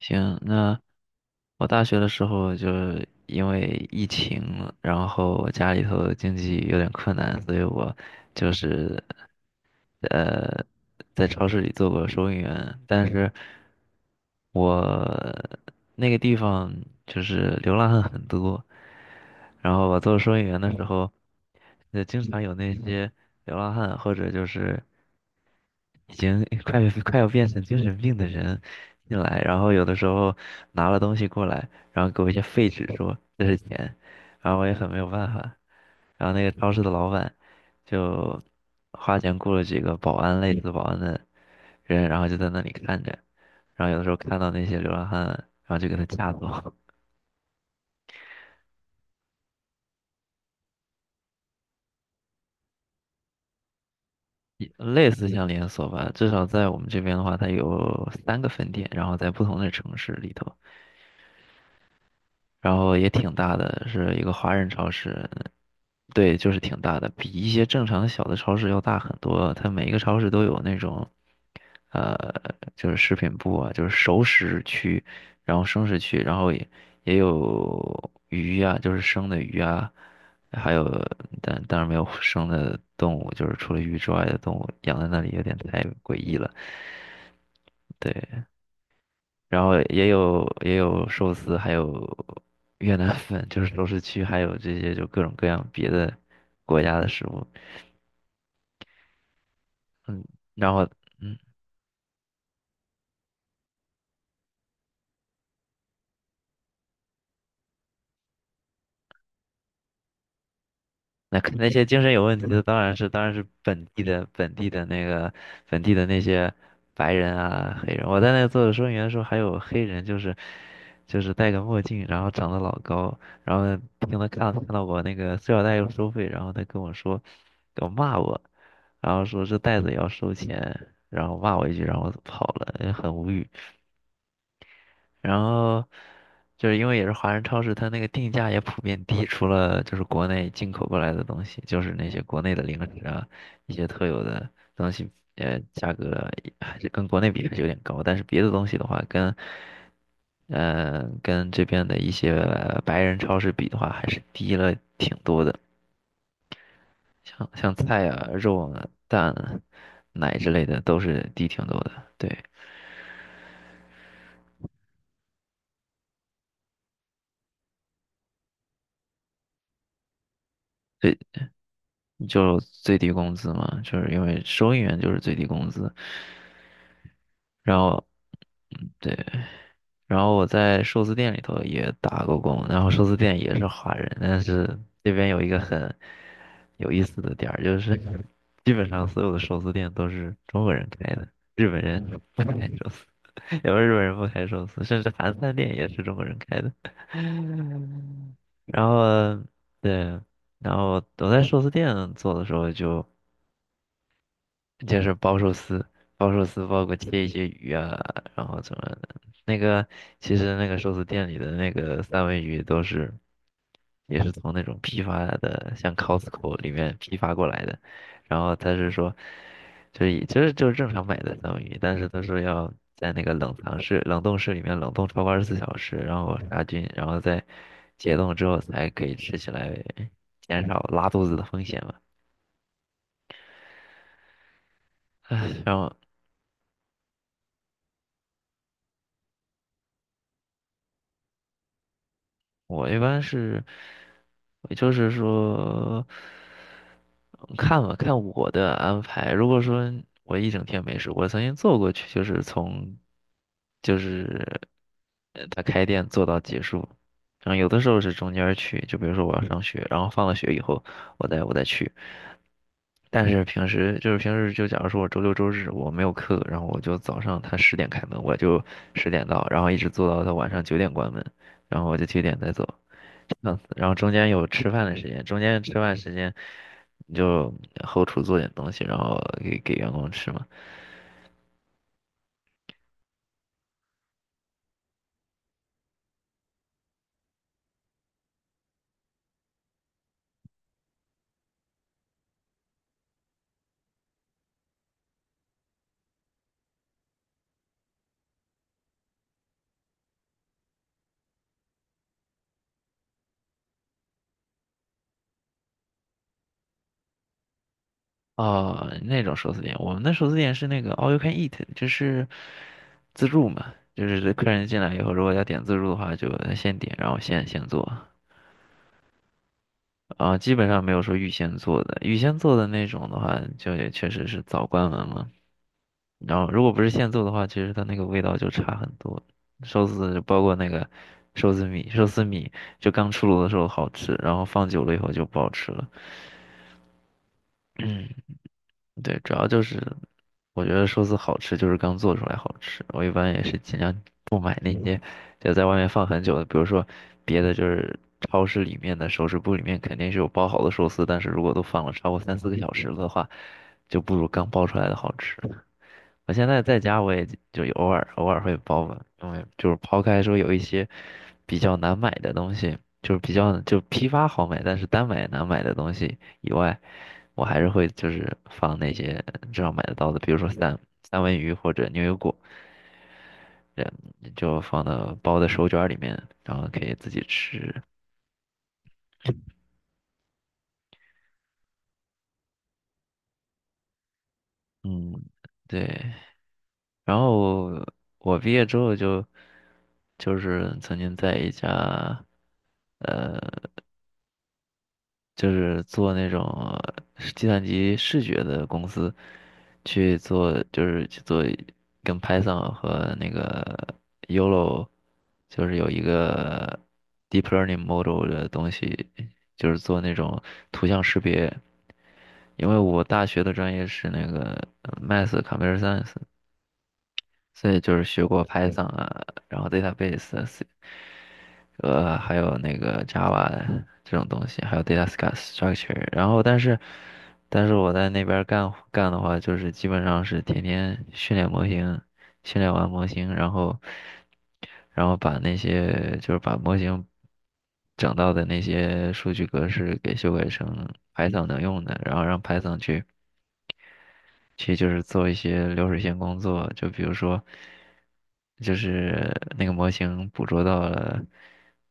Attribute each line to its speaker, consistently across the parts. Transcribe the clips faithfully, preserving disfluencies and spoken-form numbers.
Speaker 1: 行，那我大学的时候就因为疫情，然后我家里头经济有点困难，所以我就是呃在超市里做过收银员，但是我那个地方就是流浪汉很多，然后我做收银员的时候，呃经常有那些流浪汉或者就是。已经 快快要变成精神病的人进来，然后有的时候拿了东西过来，然后给我一些废纸说这是钱，然后我也很没有办法。然后那个超市的老板就花钱雇了几个保安类似保安的人，然后就在那里看着，然后有的时候看到那些流浪汉，然后就给他架走。也类似像连锁吧，至少在我们这边的话，它有三个分店，然后在不同的城市里头。然后也挺大的，是一个华人超市，对，就是挺大的，比一些正常的小的超市要大很多。它每一个超市都有那种，呃，就是食品部啊，就是熟食区，然后生食区，然后也也有鱼呀、就是生的鱼啊，还有但当然没有生的动物，就是除了鱼之外的动物养在那里有点太诡异了。对，然后也有也有寿司，还有越南粉，就是熟食区，还有这些就各种各样别的国家的食物。嗯，然后嗯，那可那些精神有问题的当然是当然是本地的本地的那个本地的那些白人啊黑人。我在那个做收银员的时候，还有黑人，就是就是戴个墨镜，然后长得老高，然后呢听他看看到我那个塑料袋要收费，然后他跟我说，给我骂我，然后说这袋子也要收钱，然后骂我一句，然后我跑了，很无语。然后就是因为也是华人超市，它那个定价也普遍低，除了就是国内进口过来的东西，就是那些国内的零食啊，一些特有的东西，呃，价格还是跟国内比还是有点高，但是别的东西的话，跟嗯、呃跟这边的一些白人超市比的话，还是低了挺多的，像像菜啊、肉啊、蛋啊、奶之类的都是低挺多的，对。就最低工资嘛，就是因为收银员就是最低工资，然后，嗯，对，然后我在寿司店里头也打过工，然后寿司店也是华人，但是这边有一个很有意思的点儿，就是基本上所有的寿司店都是中国人开的，日本人不开寿司，有日本人不开寿司，甚至韩餐店也是中国人开的，然后，对，然后我在寿司店做的时候就。就是包寿司，包寿司包括切一些鱼啊，然后怎么的。那个其实那个寿司店里的那个三文鱼都是也是从那种批发的，像 Costco 里面批发过来的。然后他是说，就是以就是就是正常买的三文鱼，但是他说要在那个冷藏室、冷冻室里面冷冻超过二十四小时，然后杀菌，然后再解冻之后才可以吃起来，减少拉肚子的风险嘛。唉，然后我一般是，也就是说，嗯看吧，看我的安排。如果说我一整天没事，我曾经做过去，就是从，就是呃他开店做到结束。然后有的时候是中间儿去，就比如说我要上学，然后放了学以后，我再我再去。但是平时就是平时就假如说我周六周日我没有课，然后我就早上他十点开门，我就十点到，然后一直做到他晚上九点关门。然后我就去点再走，嗯，然后中间有吃饭的时间，中间吃饭时间你就后厨做点东西，然后给给员工吃嘛。哦，那种寿司店，我们的寿司店是那个 all you can eat，就是自助嘛，就是客人进来以后，如果要点自助的话，就先点，然后现现做。啊、基本上没有说预先做的，预先做的那种的话，就也确实是早关门了。然后如果不是现做的话，其实它那个味道就差很多。寿司包括那个寿司米，寿司米就刚出炉的时候好吃，然后放久了以后就不好吃了。嗯，对，主要就是我觉得寿司好吃就是刚做出来好吃。我一般也是尽量不买那些就在外面放很久的，比如说别的就是超市里面的熟食部里面肯定是有包好的寿司，但是如果都放了超过三四个小时的话，就不如刚包出来的好吃。我现在在家，我也就偶尔偶尔会包吧，因为就是抛开说有一些比较难买的东西，就是比较就批发好买，但是单买难买的东西以外，我还是会就是放那些至少买得到的，比如说三三文鱼或者牛油果，嗯，就放到包的手卷儿里面，然后可以自己吃。嗯，对。然后我毕业之后就就是曾经在一家。就是做那种呃计算机视觉的公司，去做就是去做跟 Python 和那个 Y O L O，就是有一个 deep learning model 的东西，就是做那种图像识别。因为我大学的专业是那个呃 Math Computer Science，所以就是学过 Python 啊，然后 database 啊呃，还有那个 Java 这种东西，还有 data s t r u c t u r e 然后但是，但是我在那边儿干干的话，就是基本上是天天训练模型，训练完模型，然后，然后把那些就是把模型整到的那些数据格式给修改成 Python 能用的，然后让 Python 去。其实就是做一些流水线工作，就比如说，就是那个模型捕捉到了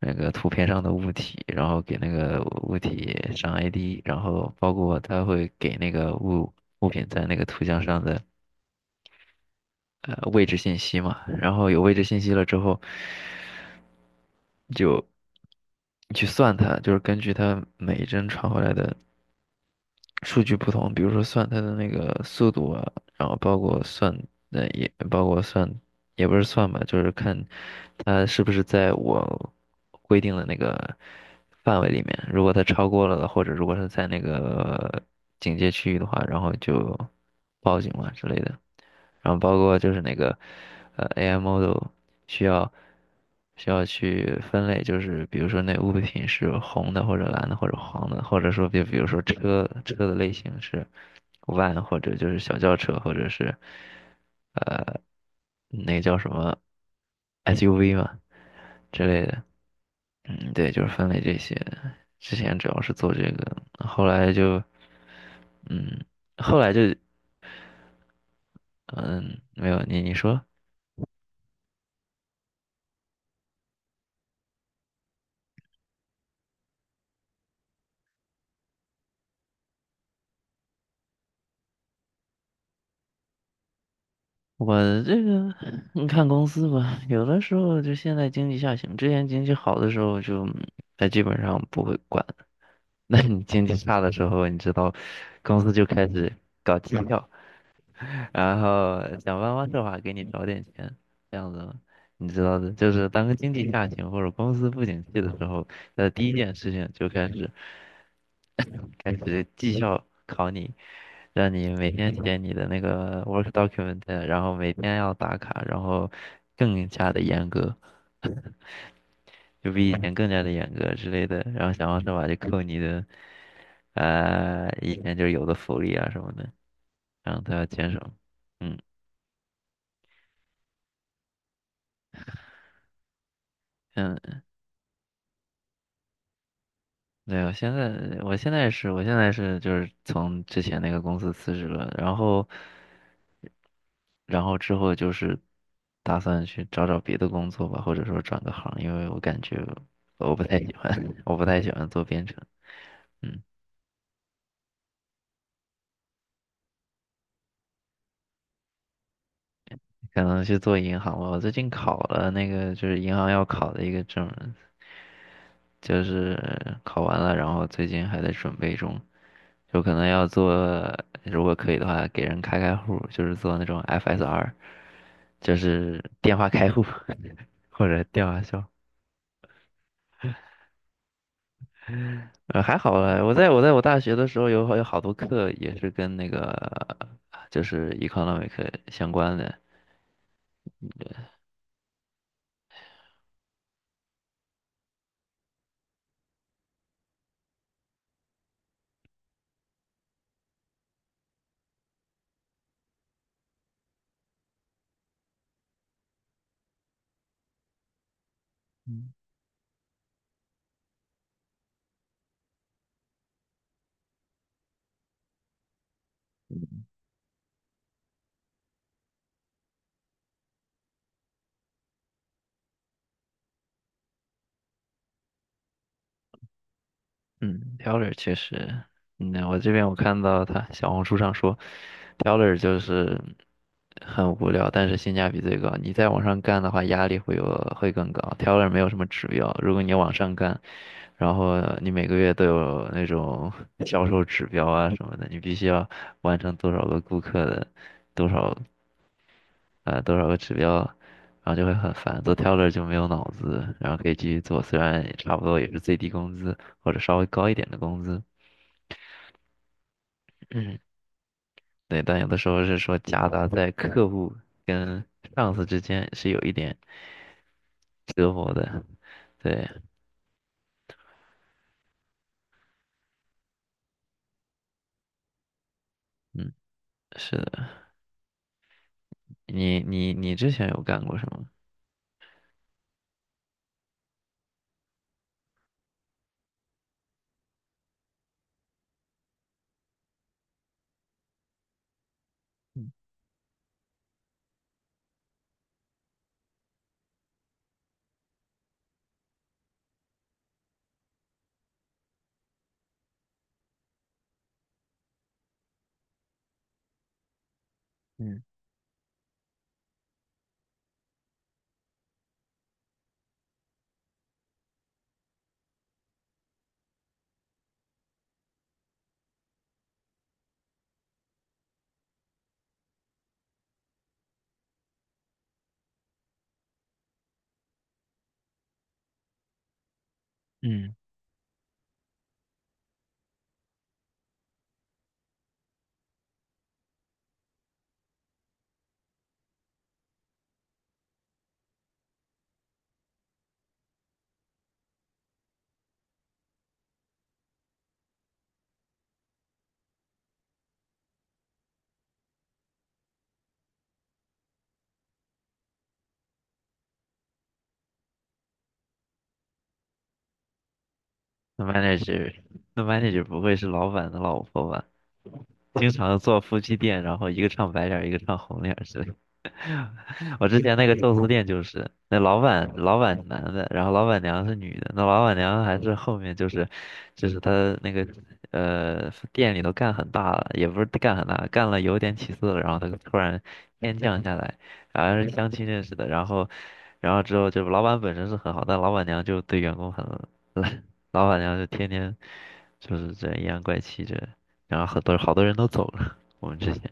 Speaker 1: 那个图片上的物体，然后给那个物体上 I D，然后包括它会给那个物物品在那个图像上的呃位置信息嘛，然后有位置信息了之后，就去算它，就是根据它每一帧传回来的。数据不同，比如说算它的那个速度啊，然后包括算，呃，也包括算，也不是算吧，就是看它是不是在我规定的那个范围里面。如果它超过了，或者如果是在那个警戒区域的话，然后就报警嘛之类的。然后包括就是那个呃 A I model 需要需要去分类，就是比如说那物品是红的或者蓝的或者黄的，或者说比比如说车车的类型是 van 或者就是小轿车或者是呃那叫什么 S U V 嘛之类的，嗯，对，就是分类这些。之前主要是做这个，后来就嗯，后来就嗯没有你你说。我这个你看公司吧，有的时候就现在经济下行，之前经济好的时候就它基本上不会管，那你经济差的时候，你知道，公司就开始搞绩效，然后想办法设法给你找点钱，这样子嘛你知道的，就是当经济下行或者公司不景气的时候，那第一件事情就开始 开始绩效考你，让你每天写你的那个 work document，然后每天要打卡，然后更加的严格，就比以前更加的严格之类的，然后想方设法就扣你的，呃，以前就是有的福利啊什么的，然后他要减少。嗯，嗯，对，我现在我现在是我现在是就是从之前那个公司辞职了，然后然后之后就是打算去找找别的工作吧，或者说转个行，因为我感觉我不太喜欢，我不太喜欢做编程。嗯，可能去做银行吧。我最近考了那个就是银行要考的一个证，就是考完了，然后最近还在准备中。有可能要做，如果可以的话，给人开开户，就是做那种 F S R，就是电话开户 或者电话销。呃，还好了，我在我在我大学的时候有好有好多课也是跟那个就是 economic 相关的。嗯，Teller 确实。嗯，我这边我看到他小红书上说，Teller 就是很无聊，但是性价比最高。你再往上干的话，压力会有会更高。Teller 没有什么指标，如果你往上干，然后你每个月都有那种 销售指标啊什么的，你必须要完成多少个顾客的多少呃多少个指标，然后就会很烦。做 Teller 就没有脑子，然后可以继续做，虽然也差不多也是最低工资或者稍微高一点的工资。嗯，对，但有的时候是说夹杂在客户跟上司之间是有一点折磨的。对，嗯，是的。你你你之前有干过什么？嗯嗯嗯，那 manager，那 manager 不会是老板的老婆吧？经常做夫妻店，然后一个唱白脸儿一个唱红脸儿之类我之前那个寿司店就是，那老板老板是男的，然后老板娘是女的，那老板娘还是后面就是，就是她那个呃店里头干很大了，也不是干很大，干了有点起色了，然后她突然天降下来，好像是相亲认识的，然后然后之后就老板本身是很好，但老板娘就对员工很烂，老板娘就天天就是这样阴阳怪气这，然后很多好多人都走了，我们之前，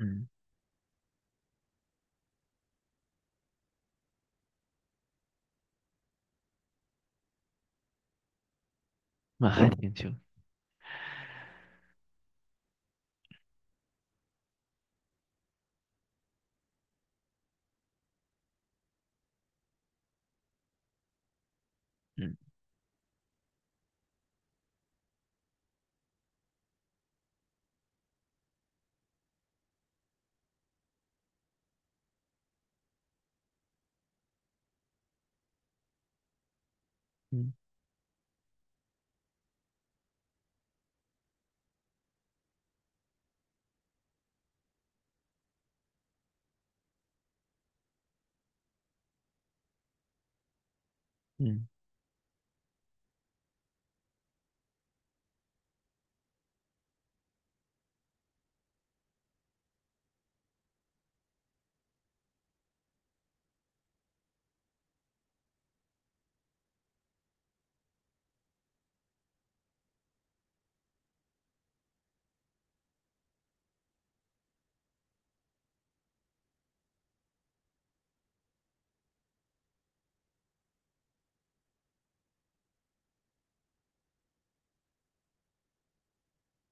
Speaker 1: 嗯那还挺久。嗯嗯嗯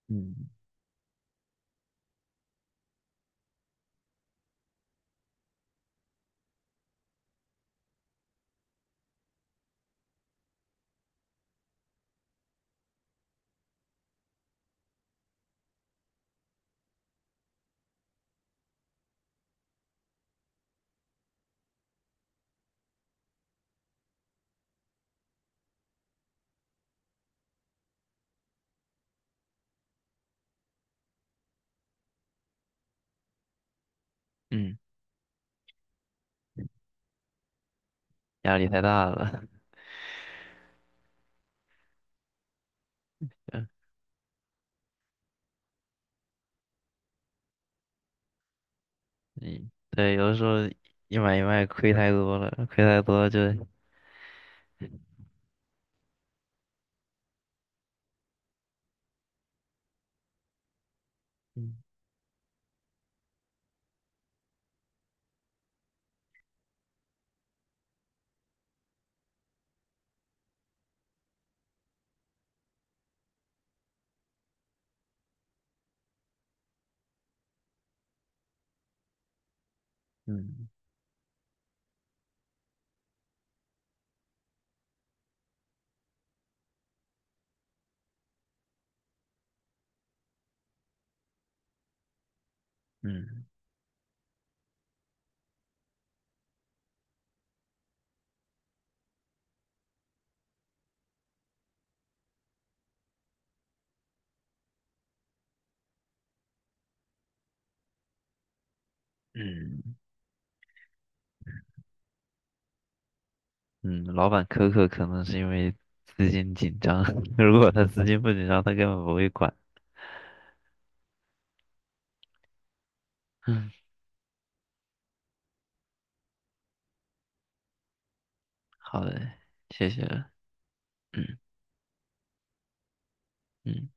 Speaker 1: 嗯，嗯，压力太大了。嗯，嗯对，有的时候一买一卖亏太多了，亏太多就，嗯嗯嗯嗯嗯，老板苛刻可能是因为资金紧张，如果他资金不紧张，他根本不会管。嗯，好的，谢谢了。嗯嗯。